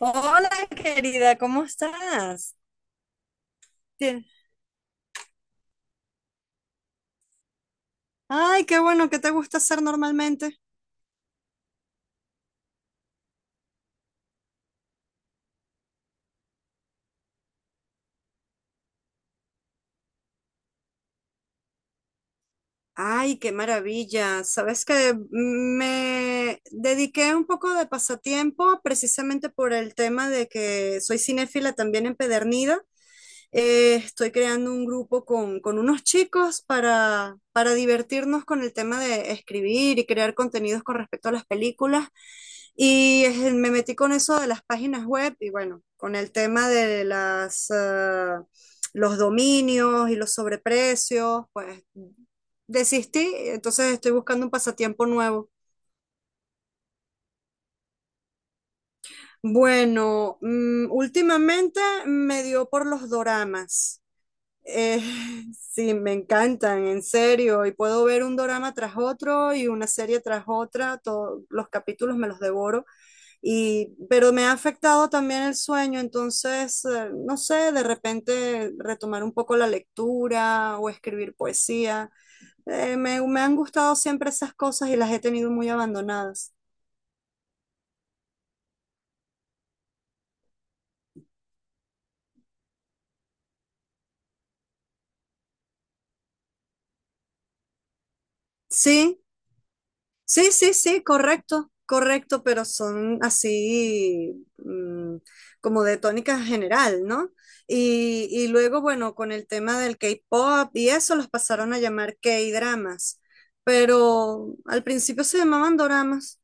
Hola, querida, ¿cómo estás? Tien- Ay, qué bueno, ¿qué te gusta hacer normalmente? Ay, qué maravilla. Sabes que me dediqué un poco de pasatiempo precisamente por el tema de que soy cinéfila también empedernida. Estoy creando un grupo con unos chicos para divertirnos con el tema de escribir y crear contenidos con respecto a las películas. Y me metí con eso de las páginas web y bueno, con el tema de las, los dominios y los sobreprecios, pues desistí, entonces estoy buscando un pasatiempo nuevo. Bueno, últimamente me dio por los doramas. Eh, sí, me encantan, en serio. Y puedo ver un dorama tras otro y una serie tras otra. Todos los capítulos me los devoro. Pero me ha afectado también el sueño, entonces, no sé, de repente retomar un poco la lectura o escribir poesía. Me han gustado siempre esas cosas y las he tenido muy abandonadas. Sí, sí, sí, sí, correcto, correcto, pero son así como de tónica general, ¿no? Y luego, bueno, con el tema del K-pop y eso, los pasaron a llamar K-dramas, pero al principio se llamaban doramas.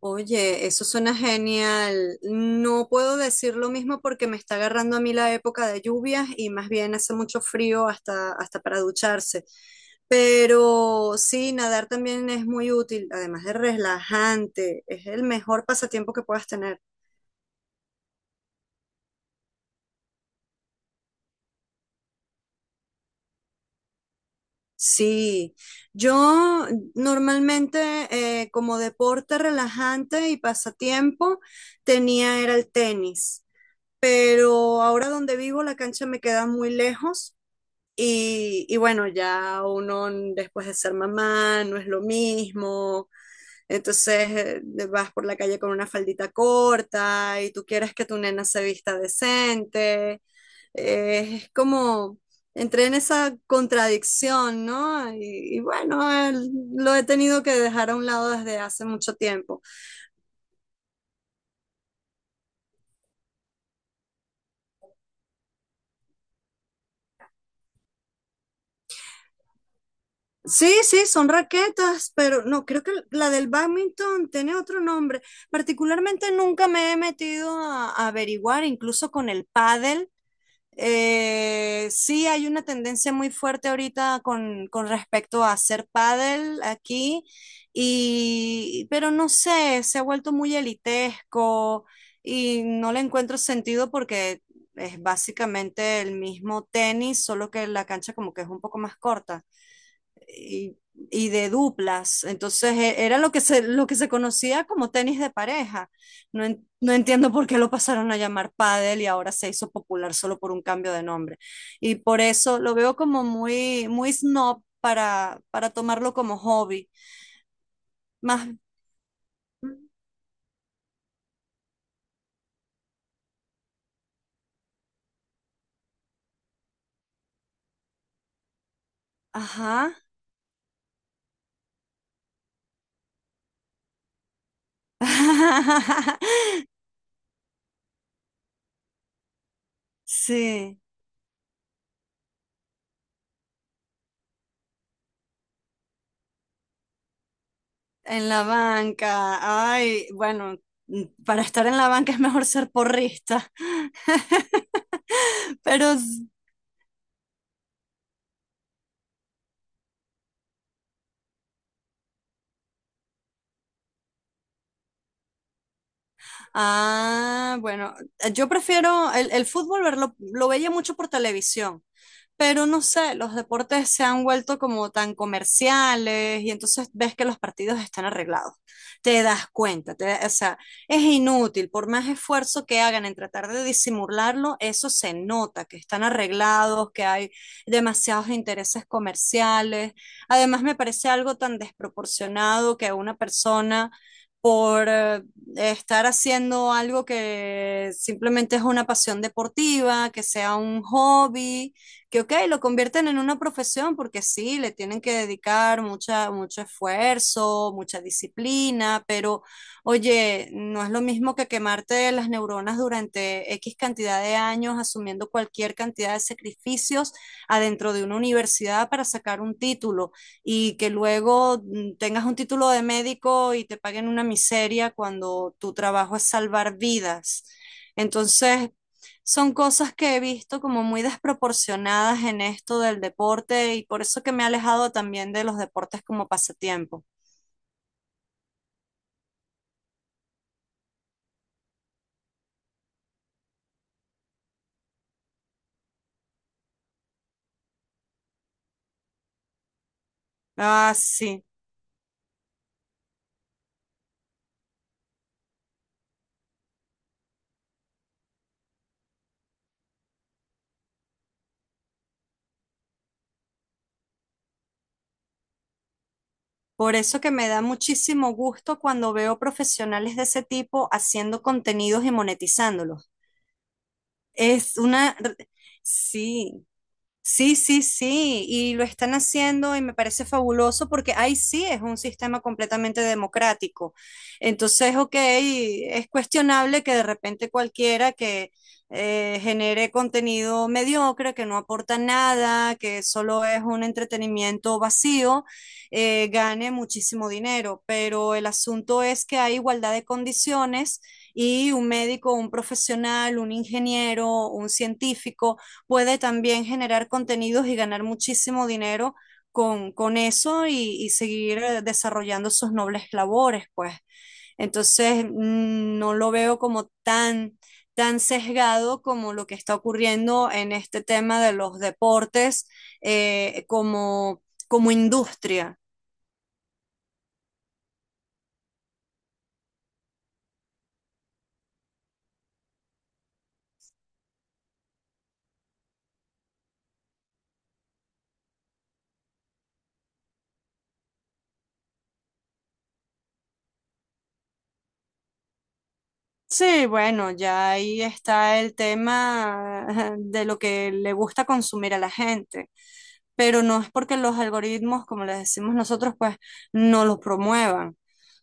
Oye, eso suena genial. No puedo decir lo mismo porque me está agarrando a mí la época de lluvias y más bien hace mucho frío hasta para ducharse. Pero sí, nadar también es muy útil, además de relajante, es el mejor pasatiempo que puedas tener. Sí, yo normalmente como deporte relajante y pasatiempo tenía era el tenis, pero ahora donde vivo la cancha me queda muy lejos. Y bueno, después de ser mamá no es lo mismo, entonces vas por la calle con una faldita corta y tú quieres que tu nena se vista decente. Eh, es como, Entré en esa contradicción, ¿no? Y bueno, lo he tenido que dejar a un lado desde hace mucho tiempo. Sí, sí, son raquetas, pero no, creo que la del badminton tiene otro nombre. Particularmente nunca me he metido a averiguar, incluso con el pádel. Sí, hay una tendencia muy fuerte ahorita con respecto a hacer pádel aquí, pero no sé, se ha vuelto muy elitesco y no le encuentro sentido porque es básicamente el mismo tenis, solo que la cancha como que es un poco más corta y, y de duplas. Entonces era lo que se conocía como tenis de pareja. No, no entiendo por qué lo pasaron a llamar pádel y ahora se hizo popular solo por un cambio de nombre. Y por eso lo veo como muy snob para tomarlo como hobby. Más, ajá. Sí, en la banca. Ay, bueno, para estar en la banca es mejor ser porrista. Pero ah, bueno, yo prefiero el fútbol verlo, lo veía mucho por televisión, pero no sé, los deportes se han vuelto como tan comerciales y entonces ves que los partidos están arreglados. Te das cuenta, o sea, es inútil, por más esfuerzo que hagan en tratar de disimularlo, eso se nota, que están arreglados, que hay demasiados intereses comerciales. Además, me parece algo tan desproporcionado que una persona por estar haciendo algo que simplemente es una pasión deportiva, que sea un hobby, que ok, lo convierten en una profesión porque sí, le tienen que dedicar mucho esfuerzo, mucha disciplina, pero oye, no es lo mismo que quemarte las neuronas durante X cantidad de años asumiendo cualquier cantidad de sacrificios adentro de una universidad para sacar un título y que luego tengas un título de médico y te paguen una miseria cuando tu trabajo es salvar vidas. Entonces, son cosas que he visto como muy desproporcionadas en esto del deporte y por eso que me he alejado también de los deportes como pasatiempo. Ah, sí. Por eso que me da muchísimo gusto cuando veo profesionales de ese tipo haciendo contenidos y monetizándolos. Es una, sí, Sí, sí, sí, y lo están haciendo y me parece fabuloso porque ahí sí es un sistema completamente democrático. Entonces, ok, es cuestionable que de repente cualquiera que genere contenido mediocre, que no aporta nada, que solo es un entretenimiento vacío, gane muchísimo dinero, pero el asunto es que hay igualdad de condiciones y un médico, un profesional, un ingeniero, un científico puede también generar contenidos y ganar muchísimo dinero con eso y seguir desarrollando sus nobles labores, pues. Entonces, no lo veo como tan sesgado como lo que está ocurriendo en este tema de los deportes eh, como, como industria. Sí, bueno, ya ahí está el tema de lo que le gusta consumir a la gente. Pero no es porque los algoritmos, como les decimos nosotros, pues no los promuevan,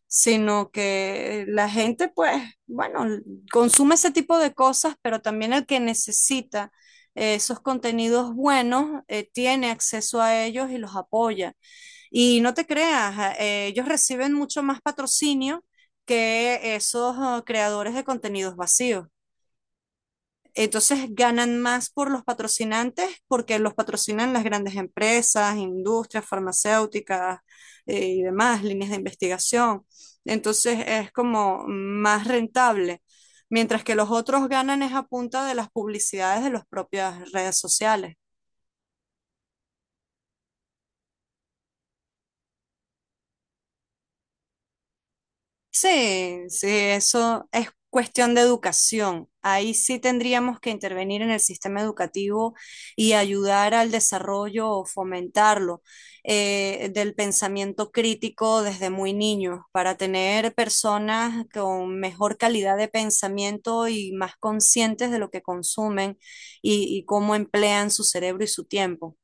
sino que la gente, pues, bueno, consume ese tipo de cosas, pero también el que necesita esos contenidos buenos tiene acceso a ellos y los apoya. Y no te creas, ellos reciben mucho más patrocinio que esos creadores de contenidos vacíos. Entonces ganan más por los patrocinantes porque los patrocinan las grandes empresas, industrias farmacéuticas y demás, líneas de investigación. Entonces es como más rentable, mientras que los otros ganan es a punta de las publicidades de las propias redes sociales. Sí, sí, eso es cuestión de educación. Ahí sí tendríamos que intervenir en el sistema educativo y ayudar al desarrollo o fomentarlo del pensamiento crítico desde muy niños para tener personas con mejor calidad de pensamiento y más conscientes de lo que consumen y cómo emplean su cerebro y su tiempo.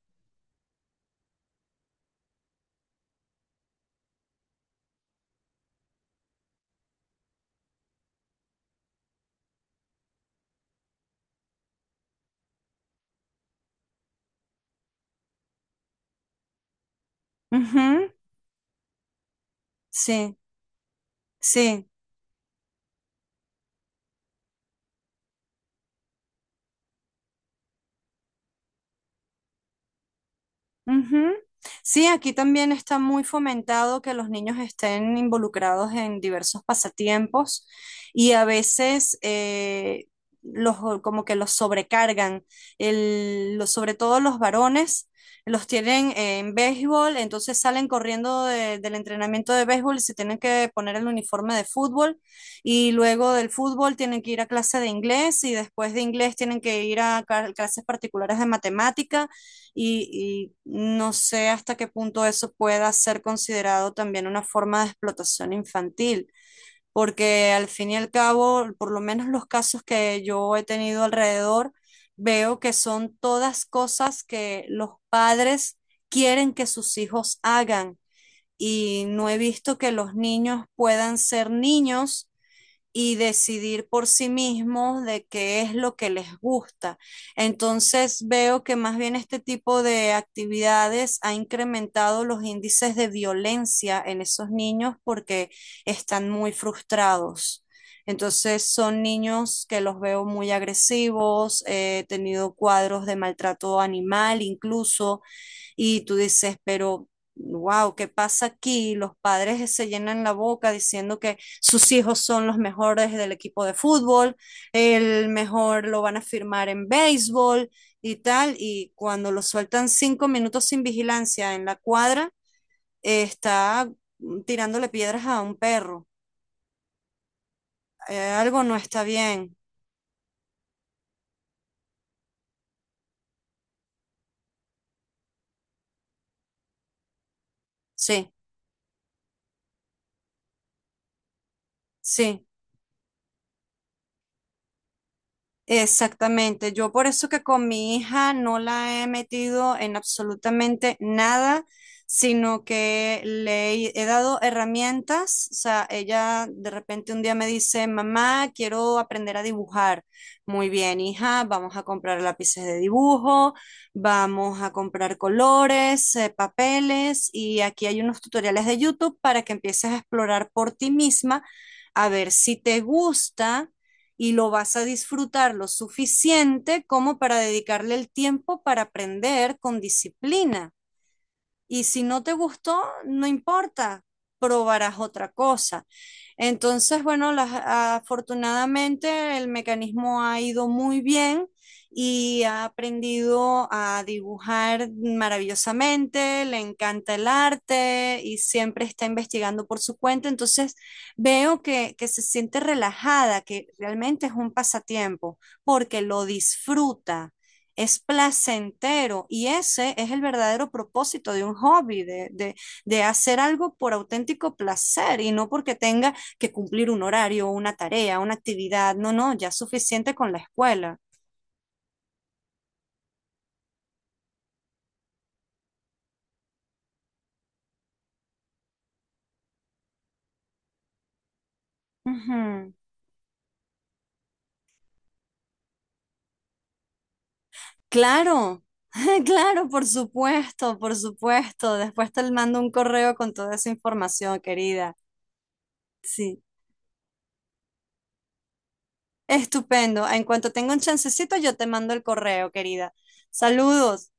Ujú, sí, sí. Ujú. Sí, aquí también está muy fomentado que los niños estén involucrados en diversos pasatiempos y a veces los, como que los sobrecargan, sobre todo los varones. Los tienen en béisbol, entonces salen corriendo del entrenamiento de béisbol y se tienen que poner el uniforme de fútbol y luego del fútbol tienen que ir a clase de inglés y después de inglés tienen que ir a clases particulares de matemática y no sé hasta qué punto eso pueda ser considerado también una forma de explotación infantil, porque al fin y al cabo, por lo menos los casos que yo he tenido alrededor, veo que son todas cosas que los padres quieren que sus hijos hagan y no he visto que los niños puedan ser niños y decidir por sí mismos de qué es lo que les gusta. Entonces veo que más bien este tipo de actividades ha incrementado los índices de violencia en esos niños porque están muy frustrados. Entonces son niños que los veo muy agresivos, he tenido cuadros de maltrato animal incluso, y tú dices, pero wow, ¿qué pasa aquí? Los padres se llenan la boca diciendo que sus hijos son los mejores del equipo de fútbol, el mejor lo van a firmar en béisbol y tal, y cuando lo sueltan 5 minutos sin vigilancia en la cuadra, está tirándole piedras a un perro. Algo no está bien. Sí, sí. Exactamente, yo por eso que con mi hija no la he metido en absolutamente nada, sino que le he dado herramientas, o sea, ella de repente un día me dice, mamá, quiero aprender a dibujar. Muy bien, hija, vamos a comprar lápices de dibujo, vamos a comprar colores, papeles y aquí hay unos tutoriales de YouTube para que empieces a explorar por ti misma, a ver si te gusta y lo vas a disfrutar lo suficiente como para dedicarle el tiempo para aprender con disciplina. Y si no te gustó, no importa, probarás otra cosa. Entonces, bueno, afortunadamente el mecanismo ha ido muy bien y ha aprendido a dibujar maravillosamente, le encanta el arte y siempre está investigando por su cuenta. Entonces, veo que se siente relajada, que realmente es un pasatiempo porque lo disfruta, es placentero y ese es el verdadero propósito de un hobby, de hacer algo por auténtico placer y no porque tenga que cumplir un horario, una tarea, una actividad. No, no, ya es suficiente con la escuela. Ujú. Claro. Claro, por supuesto, por supuesto. Después te mando un correo con toda esa información, querida. Sí, estupendo. En cuanto tenga un chancecito, yo te mando el correo, querida. Saludos.